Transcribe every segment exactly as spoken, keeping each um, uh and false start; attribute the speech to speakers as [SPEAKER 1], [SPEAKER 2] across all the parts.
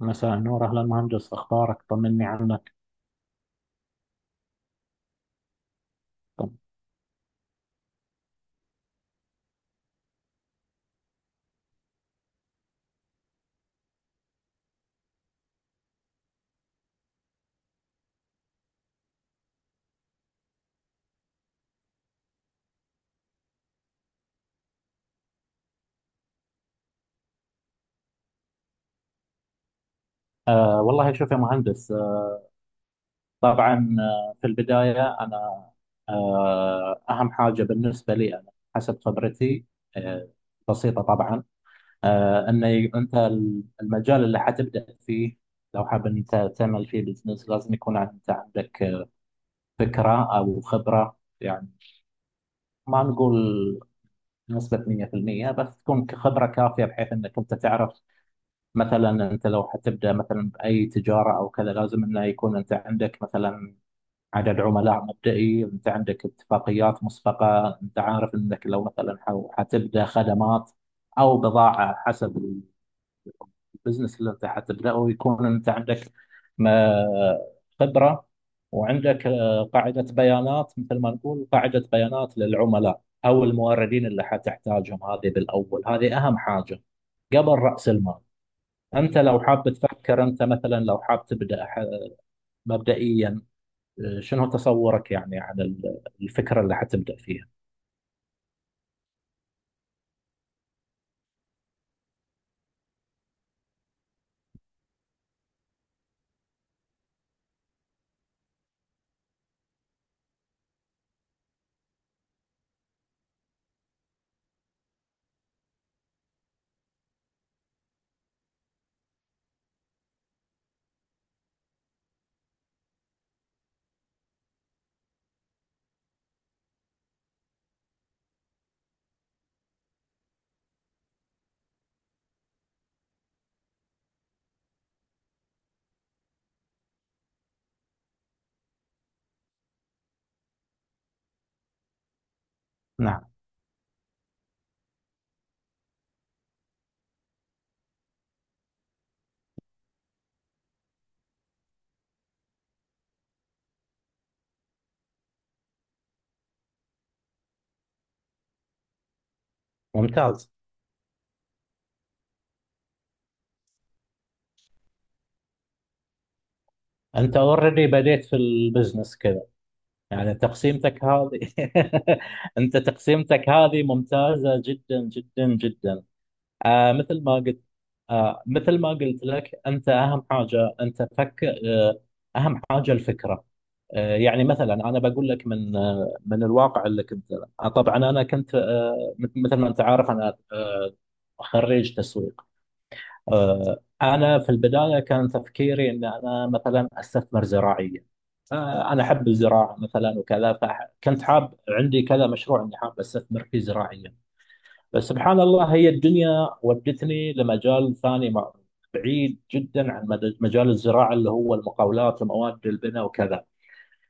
[SPEAKER 1] مساء النور، أهلا مهندس، أخبارك؟ طمني عنك. طم. آه والله شوف يا مهندس. آه طبعا آه في البداية أنا آه أهم حاجة بالنسبة لي أنا حسب خبرتي آه بسيطة طبعا. آه أن أنت المجال اللي حتبدأ فيه، لو حاب أنت تعمل فيه بزنس لازم يكون أنت عندك آه، فكرة أو خبرة، يعني ما نقول نسبة مئة في المئة، بس تكون خبرة كافية بحيث أنك أنت تعرف. مثلا انت لو حتبدا مثلا باي تجاره او كذا، لازم انه يكون انت عندك مثلا عدد عملاء مبدئي، انت عندك اتفاقيات مسبقه، انت عارف انك لو مثلا ح- حتبدا خدمات او بضاعه حسب البزنس اللي انت حتبداه، يكون انت عندك ما- خبره، وعندك آه، قاعده بيانات، مثل ما نقول قاعده بيانات للعملاء او الموردين اللي حتحتاجهم. هذه بالاول، هذه اهم حاجه قبل راس المال. انت لو حاب تفكر انت مثلا لو حاب تبدا ح- مبدئيا، آه، شنو تصورك يعني عن ال- الفكره اللي حتبدا فيها؟ نعم. ممتاز. انت اوريدي بديت في البزنس كذا يعني، تقسيمتك هذه انت تقسيمتك هذه ممتازه جدا جدا جدا. آه مثل ما قلت، آه مثل ما قلت لك انت اهم حاجه، انت فكر. آه اهم حاجه الفكره. آه، يعني مثلا انا بقول لك من آه، من الواقع اللي كنت آه، طبعا انا كنت آه، مث- مثل ما انت عارف انا آه، خريج تسويق. آه، انا في البدايه كان تفكيري ان انا مثلا استثمر زراعيا. آه، انا احب الزراعه مثلا وكذا، فكنت حاب عندي كذا مشروع اني حاب استثمر فيه زراعيا. بس سبحان الله، هي الدنيا ودتني لمجال ثاني مع- بعيد جدا عن مد- مجال الزراعه، اللي هو المقاولات ومواد البناء وكذا.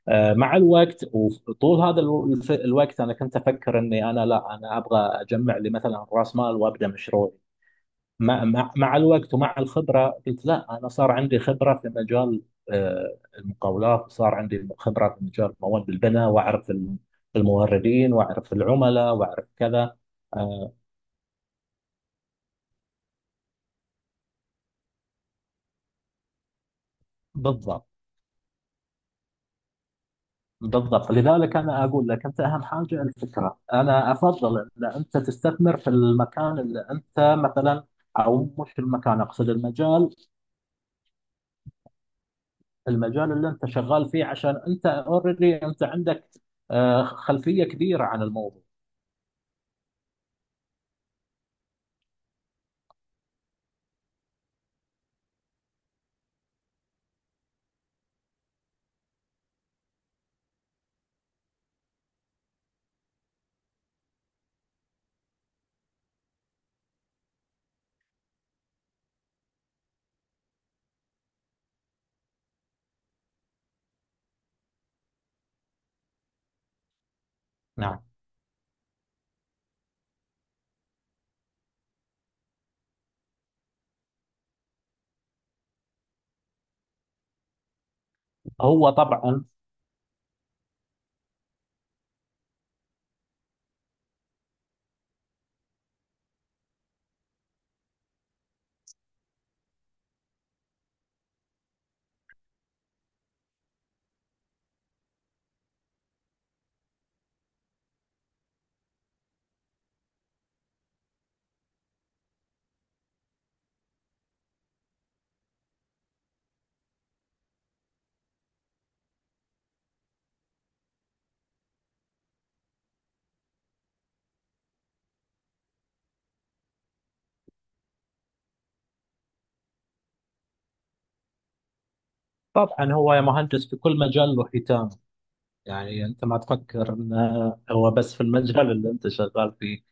[SPEAKER 1] آه، مع الوقت وطول هذا الو- الف- الوقت انا كنت افكر اني انا لا، انا ابغى اجمع لي مثلا راس مال وابدا مشروعي. مع مع مع الوقت ومع الخبره قلت لا، انا صار عندي خبره في مجال آه، المقاولات، وصار عندي خبره في مجال مواد البناء، واعرف الم- الموردين واعرف العملاء واعرف كذا. آه، بالضبط. بالضبط، لذلك أنا أقول لك أنت أهم حاجة الفكرة. أنا أفضل أن أنت تستثمر في المكان اللي أنت مثلا، أو مش المكان، أقصد المجال. المجال اللي أنت شغال فيه، عشان أنت أوريدي أنت عندك آه، خلفية كبيرة عن الموضوع. نعم. هو طبعا. طبعا هو يا مهندس في كل مجال له حيتان، يعني أنت ما تفكر أنه هو بس في المجال اللي أنت شغال فيه.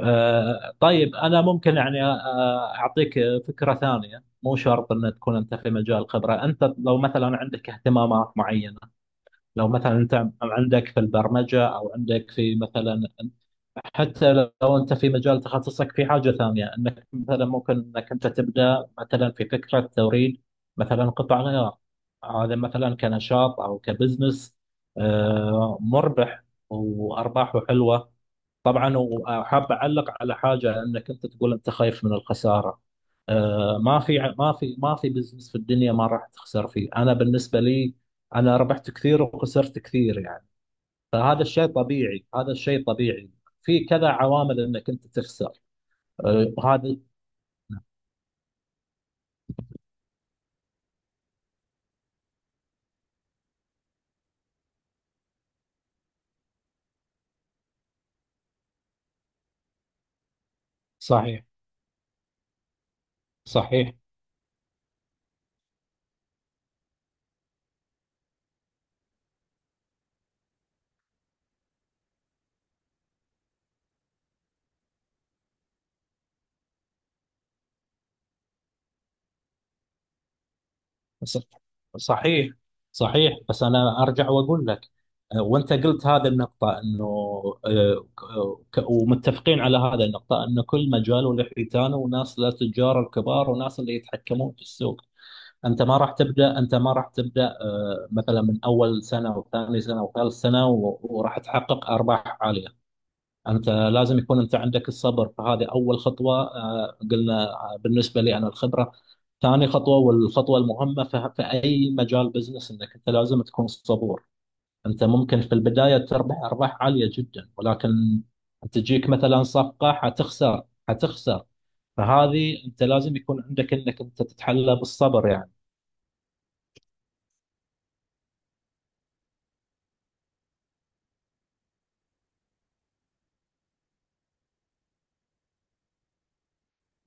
[SPEAKER 1] آه، طيب انا ممكن يعني آه، آه، اعطيك فكره ثانيه، مو شرط ان تكون انت في مجال الخبره. انت لو مثلا عندك اهتمامات معينه، لو مثلا انت عندك في البرمجه او عندك في مثلا، حتى لو انت في مجال تخصصك في حاجه ثانيه، انك مثلا ممكن انك انت تبدا مثلا في فكره توريد مثلا قطع غيار. هذا مثلا كنشاط او كبزنس آه، مربح وارباحه حلوه. طبعا وحاب اعلق على حاجه، انك انت تقول انت خايف من الخساره. آه، ما في ما في ما في بزنس في الدنيا ما راح تخسر فيه. انا بالنسبه لي انا ربحت كثير وخسرت كثير يعني، فهذا الشيء طبيعي، هذا الشيء طبيعي. في كذا عوامل انك انت تخسر. آه، هذا صحيح. صحيح. ص- صحيح، صحيح، بس انا ارجع واقول لك، آه، وانت قلت هذا النقطه انه، آه، ك- ومتفقين على هذا النقطه انه كل مجال وله حيتانه وناس له تجار الكبار وناس اللي يتحكمون في السوق. انت ما راح تبدا، انت ما راح تبدا آه، مثلا من اول سنه او ثاني سنه او ثالث سنه و- وراح تحقق ارباح عاليه. انت لازم يكون انت عندك الصبر، فهذه اول خطوه. آه، قلنا آه، بالنسبه لي انا الخبره، ثاني خطوه. والخطوه المهمه في في اي مجال بزنس انك انت لازم تكون صبور. انت ممكن في البدايه تربح ارباح عاليه جدا، ولكن تجيك مثلا صفقه حتخسر، حتخسر. فهذه انت لازم يكون عندك انك انت تتحلى بالصبر يعني.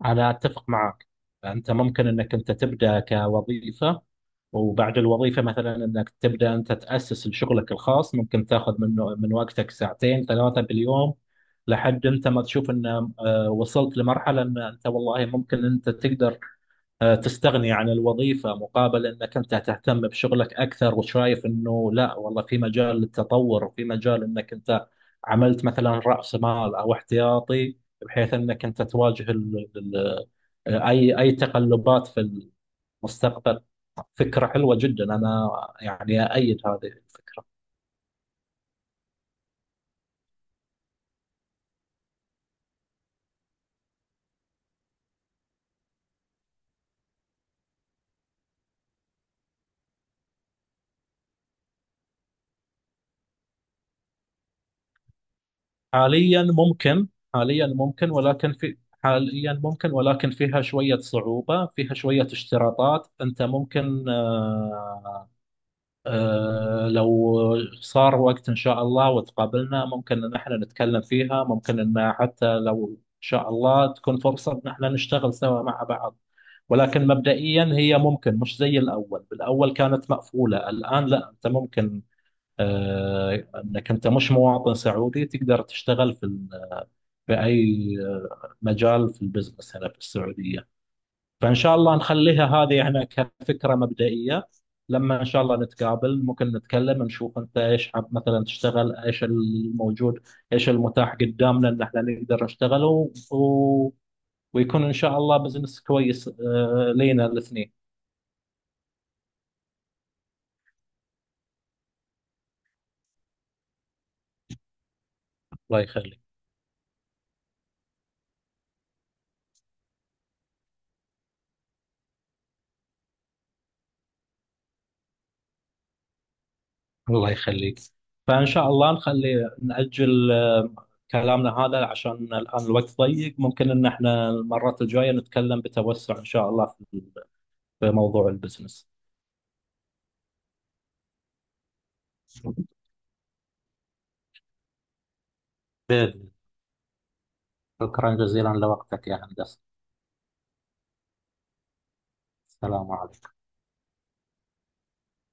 [SPEAKER 1] أنا أتفق معك. أنت ممكن أنك أنت تبدأ كوظيفة، وبعد الوظيفة مثلا أنك تبدأ أنت تأسس لشغلك الخاص، ممكن تاخذ منه من وقتك ساعتين ثلاثة باليوم لحد أنت ما تشوف أن آه، وصلت لمرحلة أن أنت والله ممكن أنت تقدر آه، تستغني عن الوظيفة مقابل أنك أنت تهتم بشغلك أكثر، وشايف أنه لا والله في مجال للتطور، وفي مجال أنك أنت عملت مثلا رأس مال أو احتياطي بحيث أنك أنت تواجه ال ال آه، أي أي تقلبات في المستقبل. فكرة حلوة جدا أنا يعني أأيد هذه الفكرة. حاليا ممكن. حاليا ممكن ولكن في حاليا ممكن، ولكن فيها شوية صعوبة، فيها شوية اشتراطات أنت ممكن. آه، أه لو صار وقت إن شاء الله وتقابلنا ممكن إن احنا نتكلم فيها، ممكن إن حتى لو إن شاء الله تكون فرصة إن احنا نشتغل سوا مع بعض. ولكن مبدئيا هي ممكن مش زي الأول، بالأول كانت مقفولة، الآن لا، أنت ممكن أه إنك أنت مش مواطن سعودي تقدر تشتغل في ال- في أي آه، مجال في البزنس هنا في السعودية. فان شاء الله نخليها هذه احنا كفكره مبدئيه. لما ان شاء الله نتقابل ممكن نتكلم نشوف انت ايش حاب مثلا تشتغل، ايش الموجود، ايش المتاح قدامنا ان احنا نقدر نشتغله و... ويكون ان شاء الله بزنس كويس آه، لينا الاثنين. الله يخليك. الله يخليك. فان شاء الله نخلي، نأجل آه، كلامنا هذا عشان الان الوقت ضيق، ممكن ان احنا المرات الجايه نتكلم بتوسع ان شاء الله في في موضوع البزنس بإذن. شكرا جزيلا لوقتك يا هندسة. السلام عليكم.